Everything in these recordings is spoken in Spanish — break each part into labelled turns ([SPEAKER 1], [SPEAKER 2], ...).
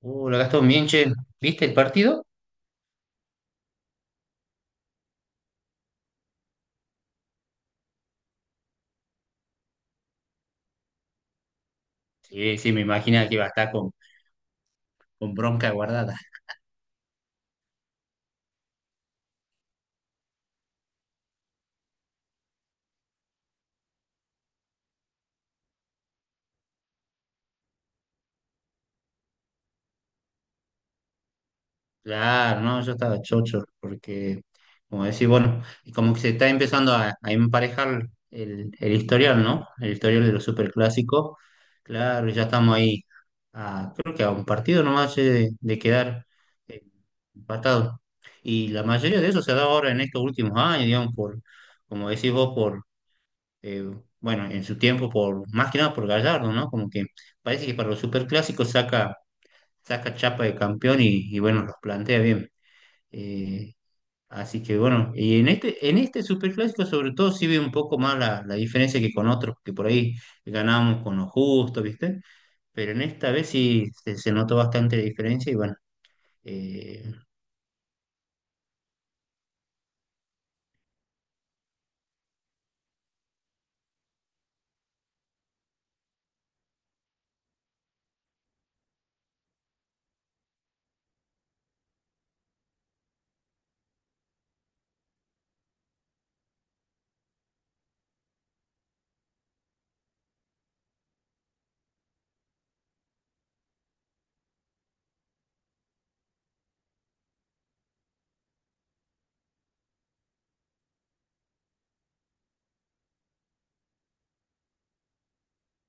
[SPEAKER 1] Lo gastó bien, che. ¿Viste el partido? Sí, sí, me imagino que iba a estar con bronca guardada. Claro, no, yo estaba chocho, porque, como decís, bueno, y como que se está empezando a emparejar el historial, ¿no? El historial de los superclásicos. Claro, ya estamos ahí, a, creo que a un partido nomás che, de quedar eh, empatados. Y la mayoría de eso se ha dado ahora en estos últimos años, digamos, como decís vos, por eh, bueno, en su tiempo, por más que nada por Gallardo, ¿no? Como que parece que para los superclásicos saca chapa de campeón y bueno, los plantea bien. Eh, así que bueno, y en en este superclásico sobre todo sí ve un poco más la diferencia que con otros, que por ahí ganábamos con lo justo, ¿viste? Pero en esta vez sí se notó bastante la diferencia y bueno. eh,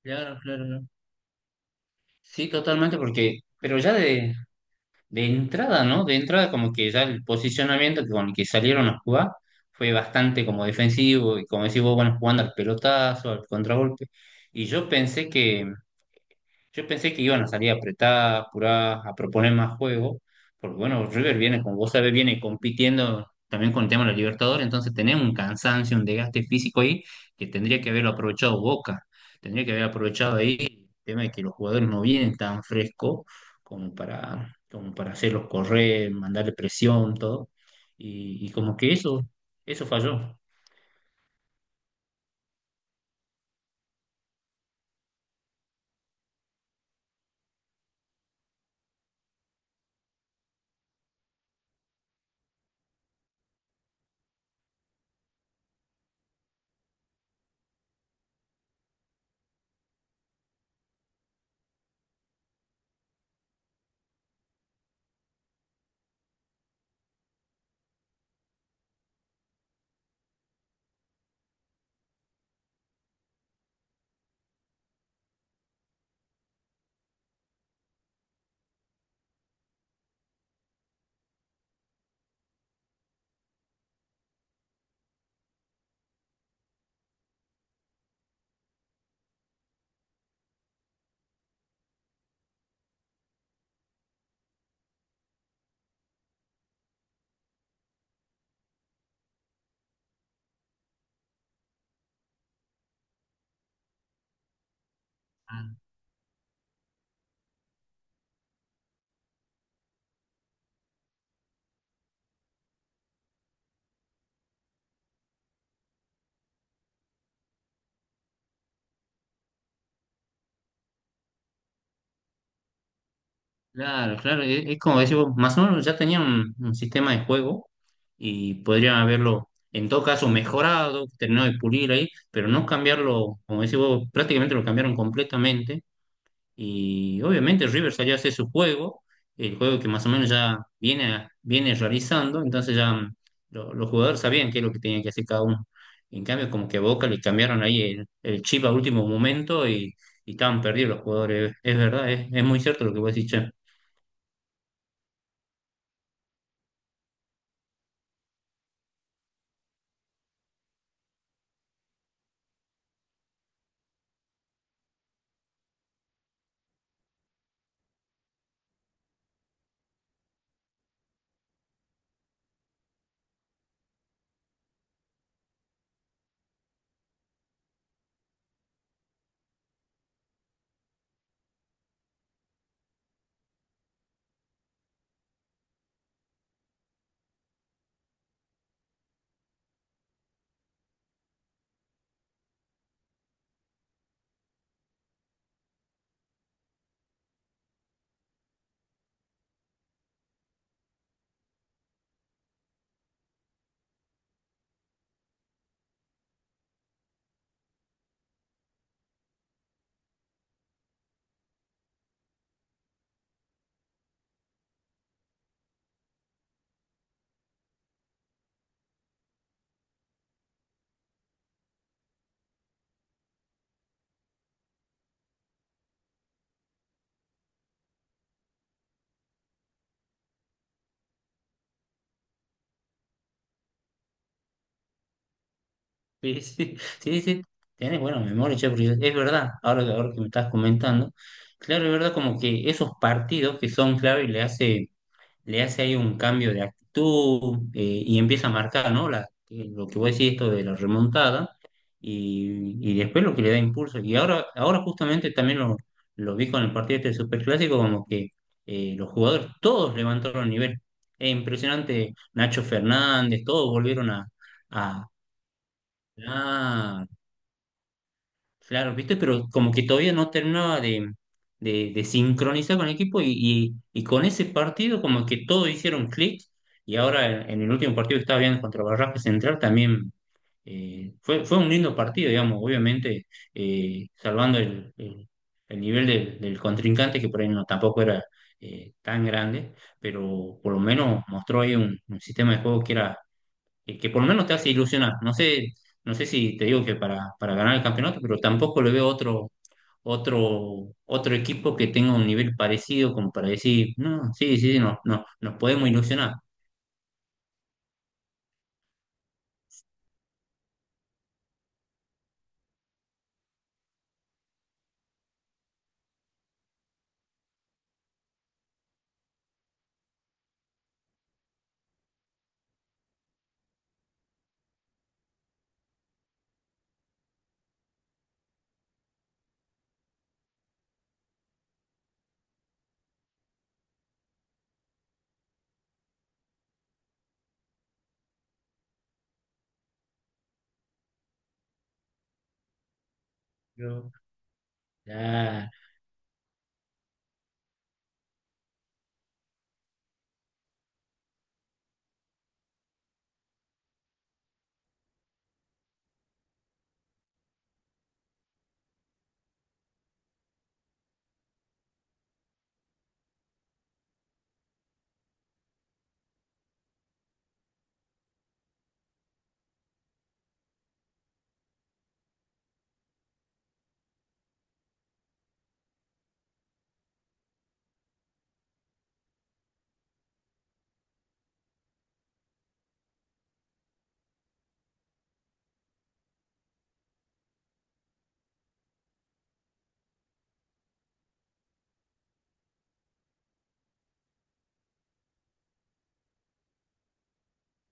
[SPEAKER 1] claro, claro, claro. Sí, totalmente, porque, de entrada, ¿no? De entrada, como que ya con el que salieron a jugar fue bastante como defensivo y como decís vos, bueno, jugando al pelotazo, al contragolpe. Y yo pensé que, yo pensé que iban a salir apretadas, apuradas, a proponer más juego, porque bueno, River viene, como vos sabés, viene compitiendo también con el tema de la Libertadores, entonces tenés un cansancio, un desgaste físico ahí que tendría que haberlo aprovechado Boca, tendría que haber aprovechado ahí el tema de que los jugadores no vienen tan frescos como para hacerlos correr, mandarle presión, todo, y, y como que eso, eso falló. Claro, claro, es como decís vos, más o menos ya tenían un sistema de juego y podrían haberlo, en todo caso, mejorado, terminado de pulir ahí, pero no cambiarlo, como decís vos, prácticamente lo cambiaron completamente y obviamente River salió a hacer su juego, el juego que más o menos ya viene, viene realizando, entonces ya los jugadores sabían qué es lo que tenían que hacer cada uno. En cambio, como que a Boca le cambiaron ahí el chip a último momento y estaban perdidos los jugadores, es verdad, es muy cierto lo que vos decís, che. Sí, sí, sí, sí, tenés buena memoria, che, porque es verdad, ahora que me estás comentando, claro, es verdad como que esos partidos que son clave le hace ahí un cambio de actitud, y empieza a marcar, ¿no? Lo que voy a decir esto de la remontada y después lo que le da impulso. Ahora justamente también lo vi con el partido este del Superclásico, como que los jugadores todos levantaron el nivel. Es impresionante, Nacho Fernández, todos volvieron a... a- Ah, Claro, viste, pero como que todavía no terminaba de sincronizar con el equipo y con ese partido como que todos hicieron clic y ahora en el último partido que estaba viendo contra Barracas Central también, fue un lindo partido, digamos, obviamente, salvando el nivel del contrincante que por ahí no tampoco era tan grande, pero por lo menos mostró ahí un sistema de juego que era que por lo menos te hace ilusionar. No sé, no sé si te digo que para ganar el campeonato, pero tampoco le veo otro equipo que tenga un nivel parecido como para decir, no, sí, sí, sí, no, no, nos podemos ilusionar. Yo, ya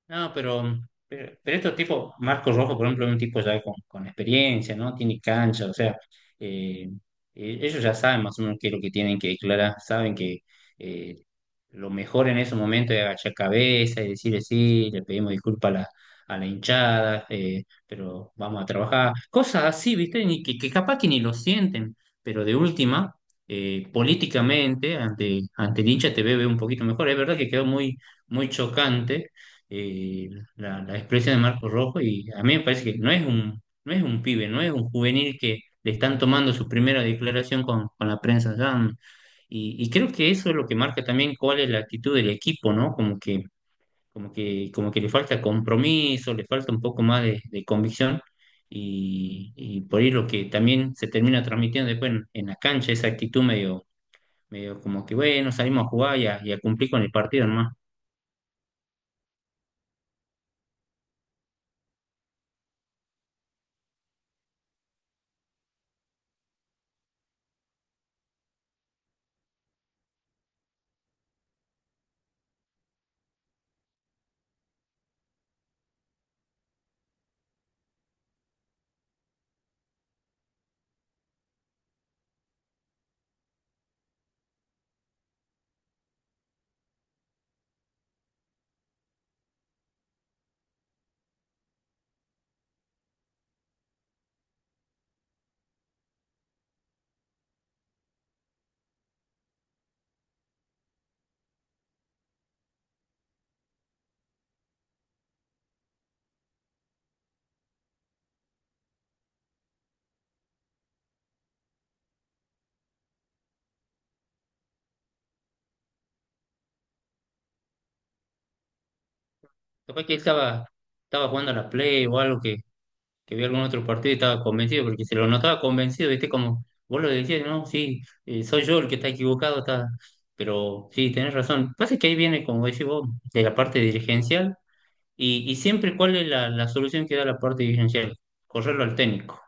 [SPEAKER 1] No, pero, pero estos tipos, Marco Rojo, por ejemplo, es un tipo ya con experiencia, ¿no? Tiene cancha, o sea, eh, ellos ya saben más o menos qué es lo que tienen que declarar, saben que eh, lo mejor en ese momento es agachar cabeza y decirle sí, le pedimos disculpas a a la hinchada, pero vamos a trabajar, cosas así, ¿viste? Ni que, Que capaz que ni lo sienten, pero de última, políticamente, ante el hincha te ve ve un poquito mejor. Es verdad que quedó muy, muy chocante, eh, la expresión de Marco Rojo y a mí me parece que no es un, no es un pibe, no es un juvenil que le están tomando su primera declaración con la prensa. Ya, y creo que eso es lo que marca también cuál es la actitud del equipo, ¿no? Como que le falta compromiso, le falta un poco más de convicción. Y por ahí lo que también se termina transmitiendo después en la cancha, esa actitud medio como que, bueno, salimos a jugar y a cumplir con el partido, ¿no? Capaz que estaba jugando a la Play o algo que vi algún otro partido y estaba convencido, porque se lo notaba convencido, viste, como vos lo decías, no, sí, soy yo el que está equivocado, está... pero sí, tenés razón. Pasa que ahí viene, como decís vos, de la parte dirigencial, y siempre cuál es la solución que da la parte dirigencial, correrlo al técnico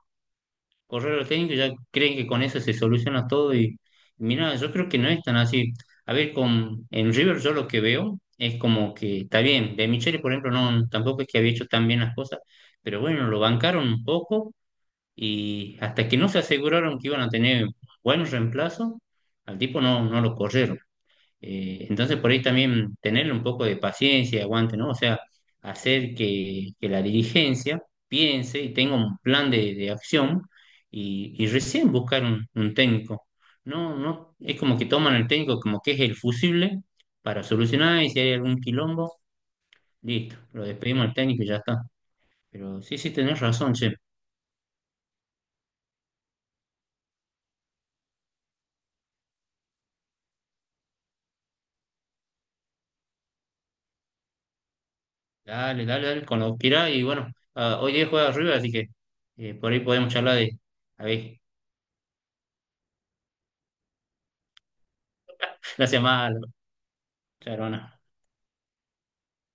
[SPEAKER 1] correr al técnico, ya creen que con eso se soluciona todo y mira, yo creo que no es tan así. A ver, con en River yo lo que veo es como que está bien, de Michele, por ejemplo, no tampoco es que había hecho tan bien las cosas, pero bueno, lo bancaron un poco y hasta que no se aseguraron que iban a tener buenos reemplazos, al tipo no, no lo corrieron. Entonces, por ahí también tener un poco de paciencia y aguante, ¿no? O sea, hacer que la dirigencia piense y tenga un plan de acción y recién buscar un técnico. No, no, es como que toman el técnico como que es el fusible para solucionar y si hay algún quilombo, listo, lo despedimos al técnico y ya está. Pero sí, sí, tenés razón, che. Dale, dale, dale, con lo que irá y bueno, ah, hoy día juega arriba, así que por ahí podemos charlar a ver, gracias más, Charona.